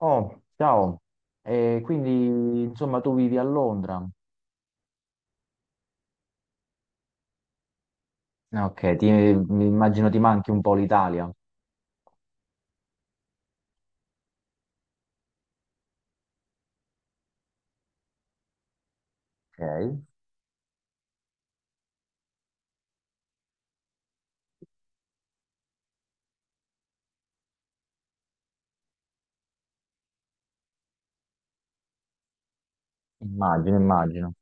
Oh, ciao. E quindi, insomma, tu vivi a Londra. Ah, ok, mi immagino ti manchi un po' l'Italia. Ok, immagino, immagino.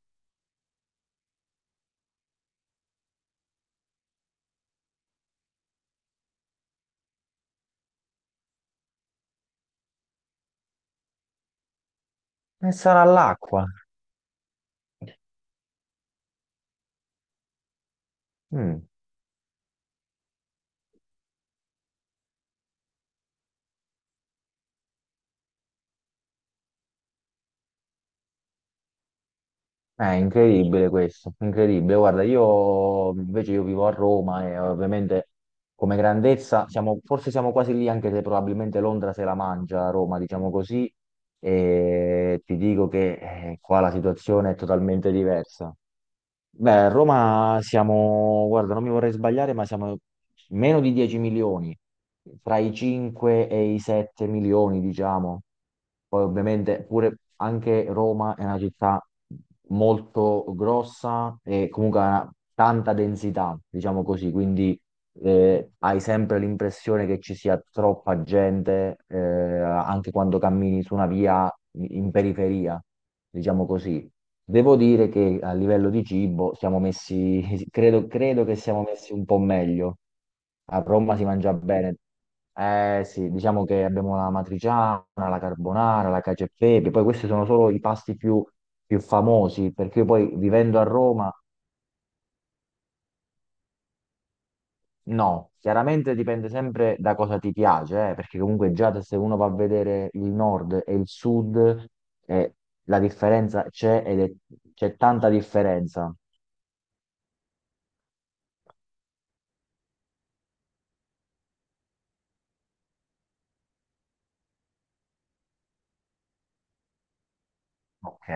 E sarà l'acqua. Mm. È incredibile questo, incredibile. Guarda, io invece io vivo a Roma e ovviamente come grandezza siamo, forse siamo quasi lì, anche se probabilmente Londra se la mangia, Roma, diciamo così, e ti dico che qua la situazione è totalmente diversa. Beh, a Roma siamo, guarda, non mi vorrei sbagliare, ma siamo meno di 10 milioni, tra i 5 e i 7 milioni, diciamo. Poi ovviamente pure anche Roma è una città molto grossa e comunque ha tanta densità, diciamo così, quindi hai sempre l'impressione che ci sia troppa gente, anche quando cammini su una via in periferia, diciamo così. Devo dire che a livello di cibo siamo messi, credo che siamo messi un po' meglio. A Roma si mangia bene. Eh sì, diciamo che abbiamo la matriciana, la carbonara, la cacio e pepe, poi questi sono solo i pasti più famosi, perché io poi vivendo a Roma. No, chiaramente dipende sempre da cosa ti piace, perché comunque già se uno va a vedere il nord e il sud, eh, la differenza c'è, c'è tanta differenza. Ok.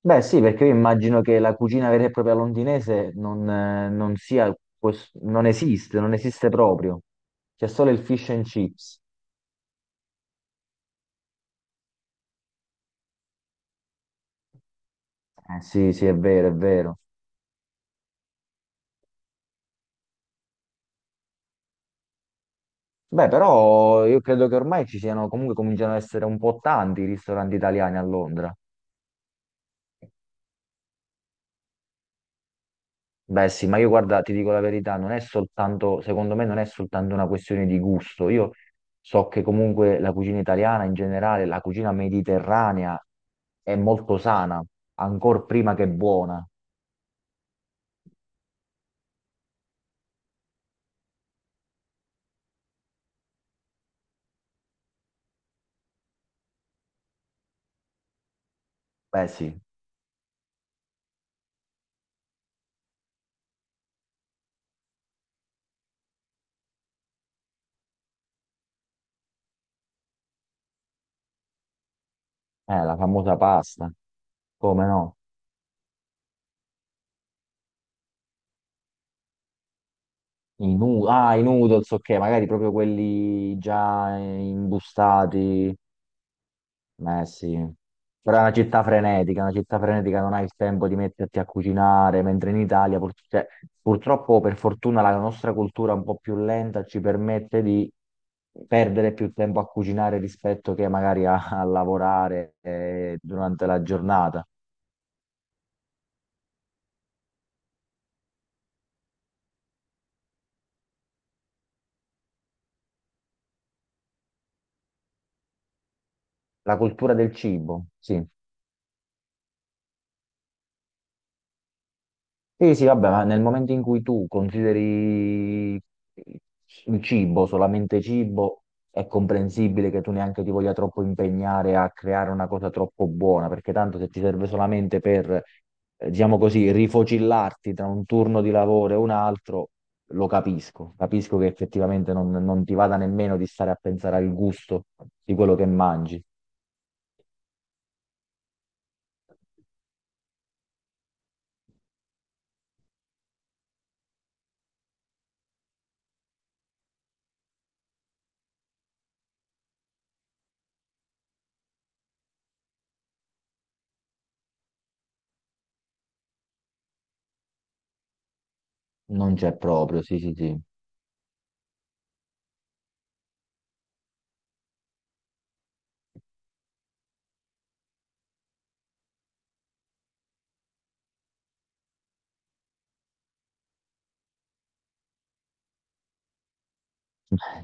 Beh sì, perché io immagino che la cucina vera e propria londinese non, non sia, non esiste, non esiste proprio. C'è solo il fish and chips. Sì, sì, è vero, è vero. Beh, però io credo che ormai ci siano, comunque cominciano ad essere un po' tanti i ristoranti italiani a Londra. Beh sì, ma io guarda, ti dico la verità, non è soltanto, secondo me non è soltanto una questione di gusto. Io so che comunque la cucina italiana in generale, la cucina mediterranea è molto sana, ancor prima che buona. Beh sì, la famosa pasta, come no? Ah, i noodles, ok, magari proprio quelli già imbustati. Eh sì, però è una città frenetica non hai il tempo di metterti a cucinare, mentre in Italia cioè, purtroppo per fortuna la nostra cultura un po' più lenta ci permette di perdere più tempo a cucinare rispetto che magari a, lavorare durante la giornata. La cultura del cibo, sì. Sì, sì, vabbè, ma nel momento in cui tu consideri il cibo solamente cibo, è comprensibile che tu neanche ti voglia troppo impegnare a creare una cosa troppo buona, perché tanto se ti serve solamente per, diciamo così, rifocillarti tra un turno di lavoro e un altro, lo capisco. Capisco che effettivamente non, non ti vada nemmeno di stare a pensare al gusto di quello che mangi. Non c'è proprio, sì, sì, sì.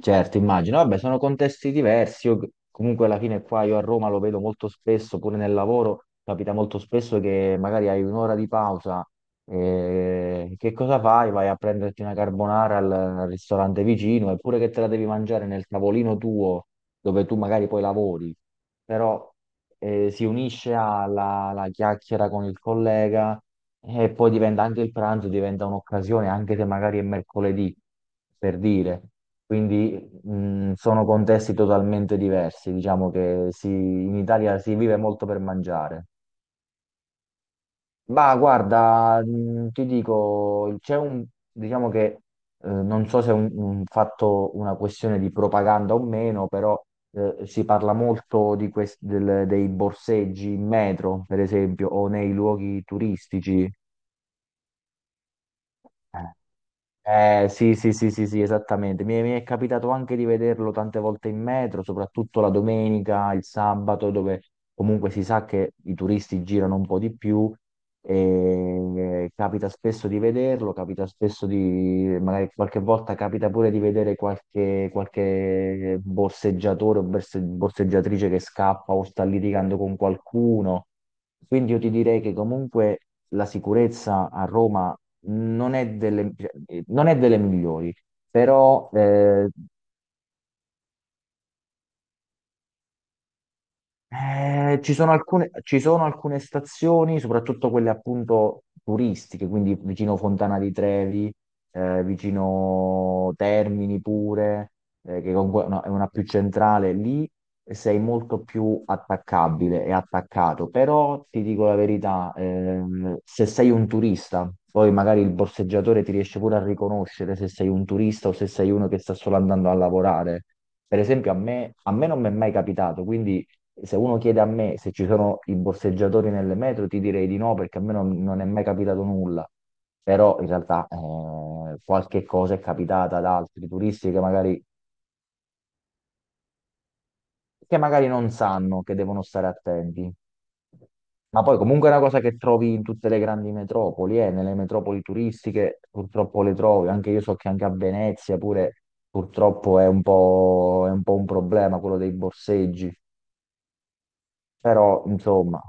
Certo, immagino. Vabbè, sono contesti diversi. Io, comunque alla fine qua io a Roma lo vedo molto spesso, pure nel lavoro, capita molto spesso che magari hai un'ora di pausa. Che cosa fai? Vai a prenderti una carbonara al, ristorante vicino, eppure che te la devi mangiare nel tavolino tuo, dove tu magari poi lavori. Però si unisce alla chiacchiera con il collega e poi diventa anche il pranzo, diventa un'occasione, anche se magari è mercoledì, per dire. Quindi sono contesti totalmente diversi, diciamo che in Italia si vive molto per mangiare. Ma guarda, ti dico, c'è un, diciamo che non so se è un fatto, una questione di propaganda o meno, però si parla molto di dei borseggi in metro, per esempio, o nei luoghi turistici. Eh, Eh, sì, sì, sì, sì, sì, esattamente. Mi è capitato anche di vederlo tante volte in metro, soprattutto la domenica, il sabato, dove comunque si sa che i turisti girano un po' di più. E capita spesso di vederlo, capita spesso di, magari qualche volta capita pure di vedere qualche borseggiatore o borseggiatrice che scappa o sta litigando con qualcuno. Quindi io ti direi che comunque la sicurezza a Roma non è delle, cioè, non è delle migliori, però eh. Ci sono alcune stazioni, soprattutto quelle appunto turistiche, quindi vicino Fontana di Trevi, vicino Termini pure, che comunque è una più centrale, lì sei molto più attaccabile e attaccato, però ti dico la verità, se sei un turista, poi magari il borseggiatore ti riesce pure a riconoscere se sei un turista o se sei uno che sta solo andando a lavorare. Per esempio, a me non mi è mai capitato, quindi se uno chiede a me se ci sono i borseggiatori nelle metro, ti direi di no, perché a me non è mai capitato nulla. Però in realtà qualche cosa è capitata ad altri turisti che magari non sanno che devono stare attenti. Ma poi comunque è una cosa che trovi in tutte le grandi metropoli, nelle metropoli turistiche purtroppo le trovi, anche io so che anche a Venezia pure purtroppo è un po' un problema quello dei borseggi, però insomma,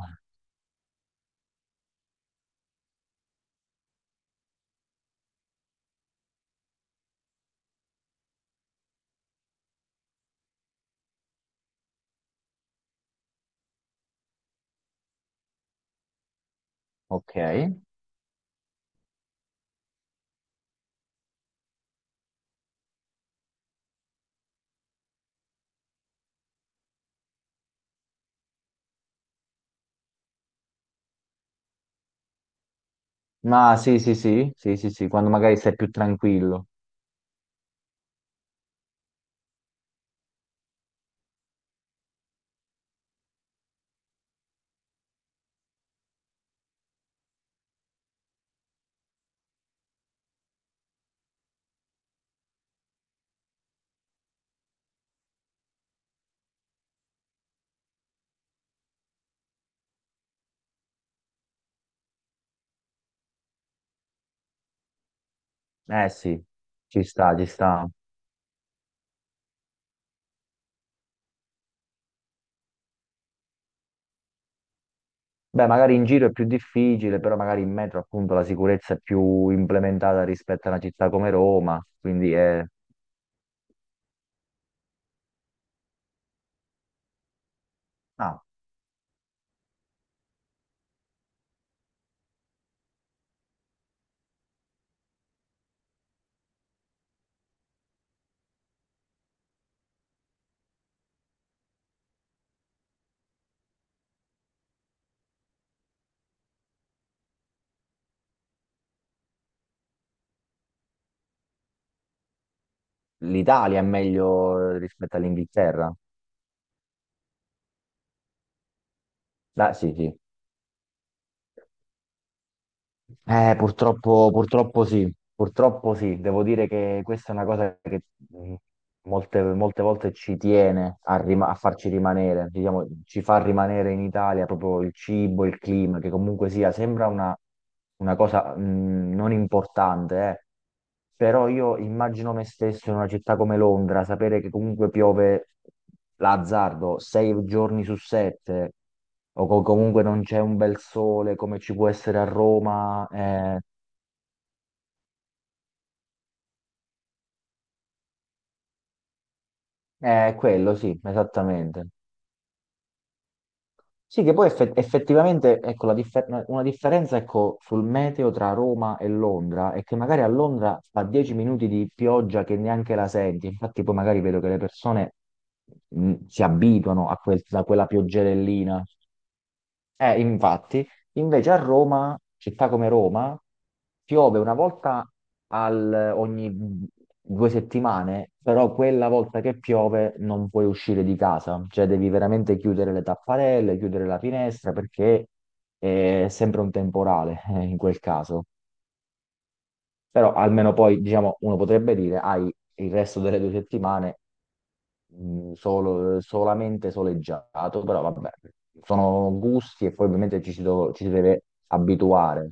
ok. Ma sì, sì, sì, sì, sì, sì, quando magari sei più tranquillo. Eh sì, ci sta, ci sta. Beh, magari in giro è più difficile, però magari in metro appunto la sicurezza è più implementata rispetto a una città come Roma, quindi è... Ah, l'Italia è meglio rispetto all'Inghilterra. Ah, sì, sì. Purtroppo, purtroppo sì, devo dire che questa è una cosa che mh, molte volte ci tiene a, farci rimanere, diciamo, ci fa rimanere in Italia proprio il cibo, il clima, che comunque sia, sembra una cosa non importante, eh. Però io immagino me stesso in una città come Londra, sapere che comunque piove l'azzardo sei giorni su sette, o comunque non c'è un bel sole come ci può essere a Roma, è quello, sì, esattamente. Sì, che poi effettivamente ecco, una differenza ecco, sul meteo tra Roma e Londra è che magari a Londra fa 10 minuti di pioggia che neanche la senti, infatti poi magari vedo che le persone si abituano a a quella pioggerellina. Infatti, invece a Roma, città come Roma, piove una volta ogni due settimane, però quella volta che piove non puoi uscire di casa, cioè devi veramente chiudere le tapparelle, chiudere la finestra perché è sempre un temporale in quel caso. Però almeno poi, diciamo, uno potrebbe dire, hai il resto delle due settimane solamente soleggiato, però vabbè, sono gusti e poi ovviamente ci si deve abituare,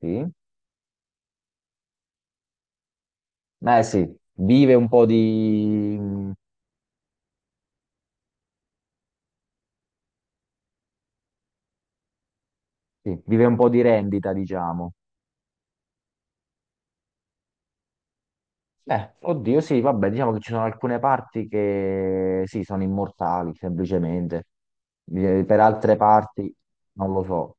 sì. Eh sì, vive un po' di, sì, vive un po' di rendita, diciamo. Oddio, sì, vabbè, diciamo che ci sono alcune parti che sì, sono immortali, semplicemente. Per altre parti non lo so.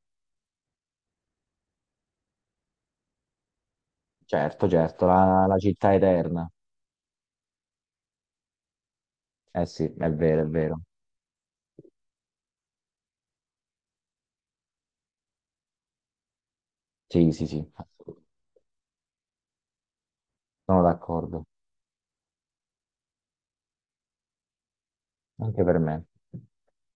Certo, certo, la, la città eterna. Eh sì, è vero, è vero. Sì, sì, sì, sono d'accordo. Anche per me.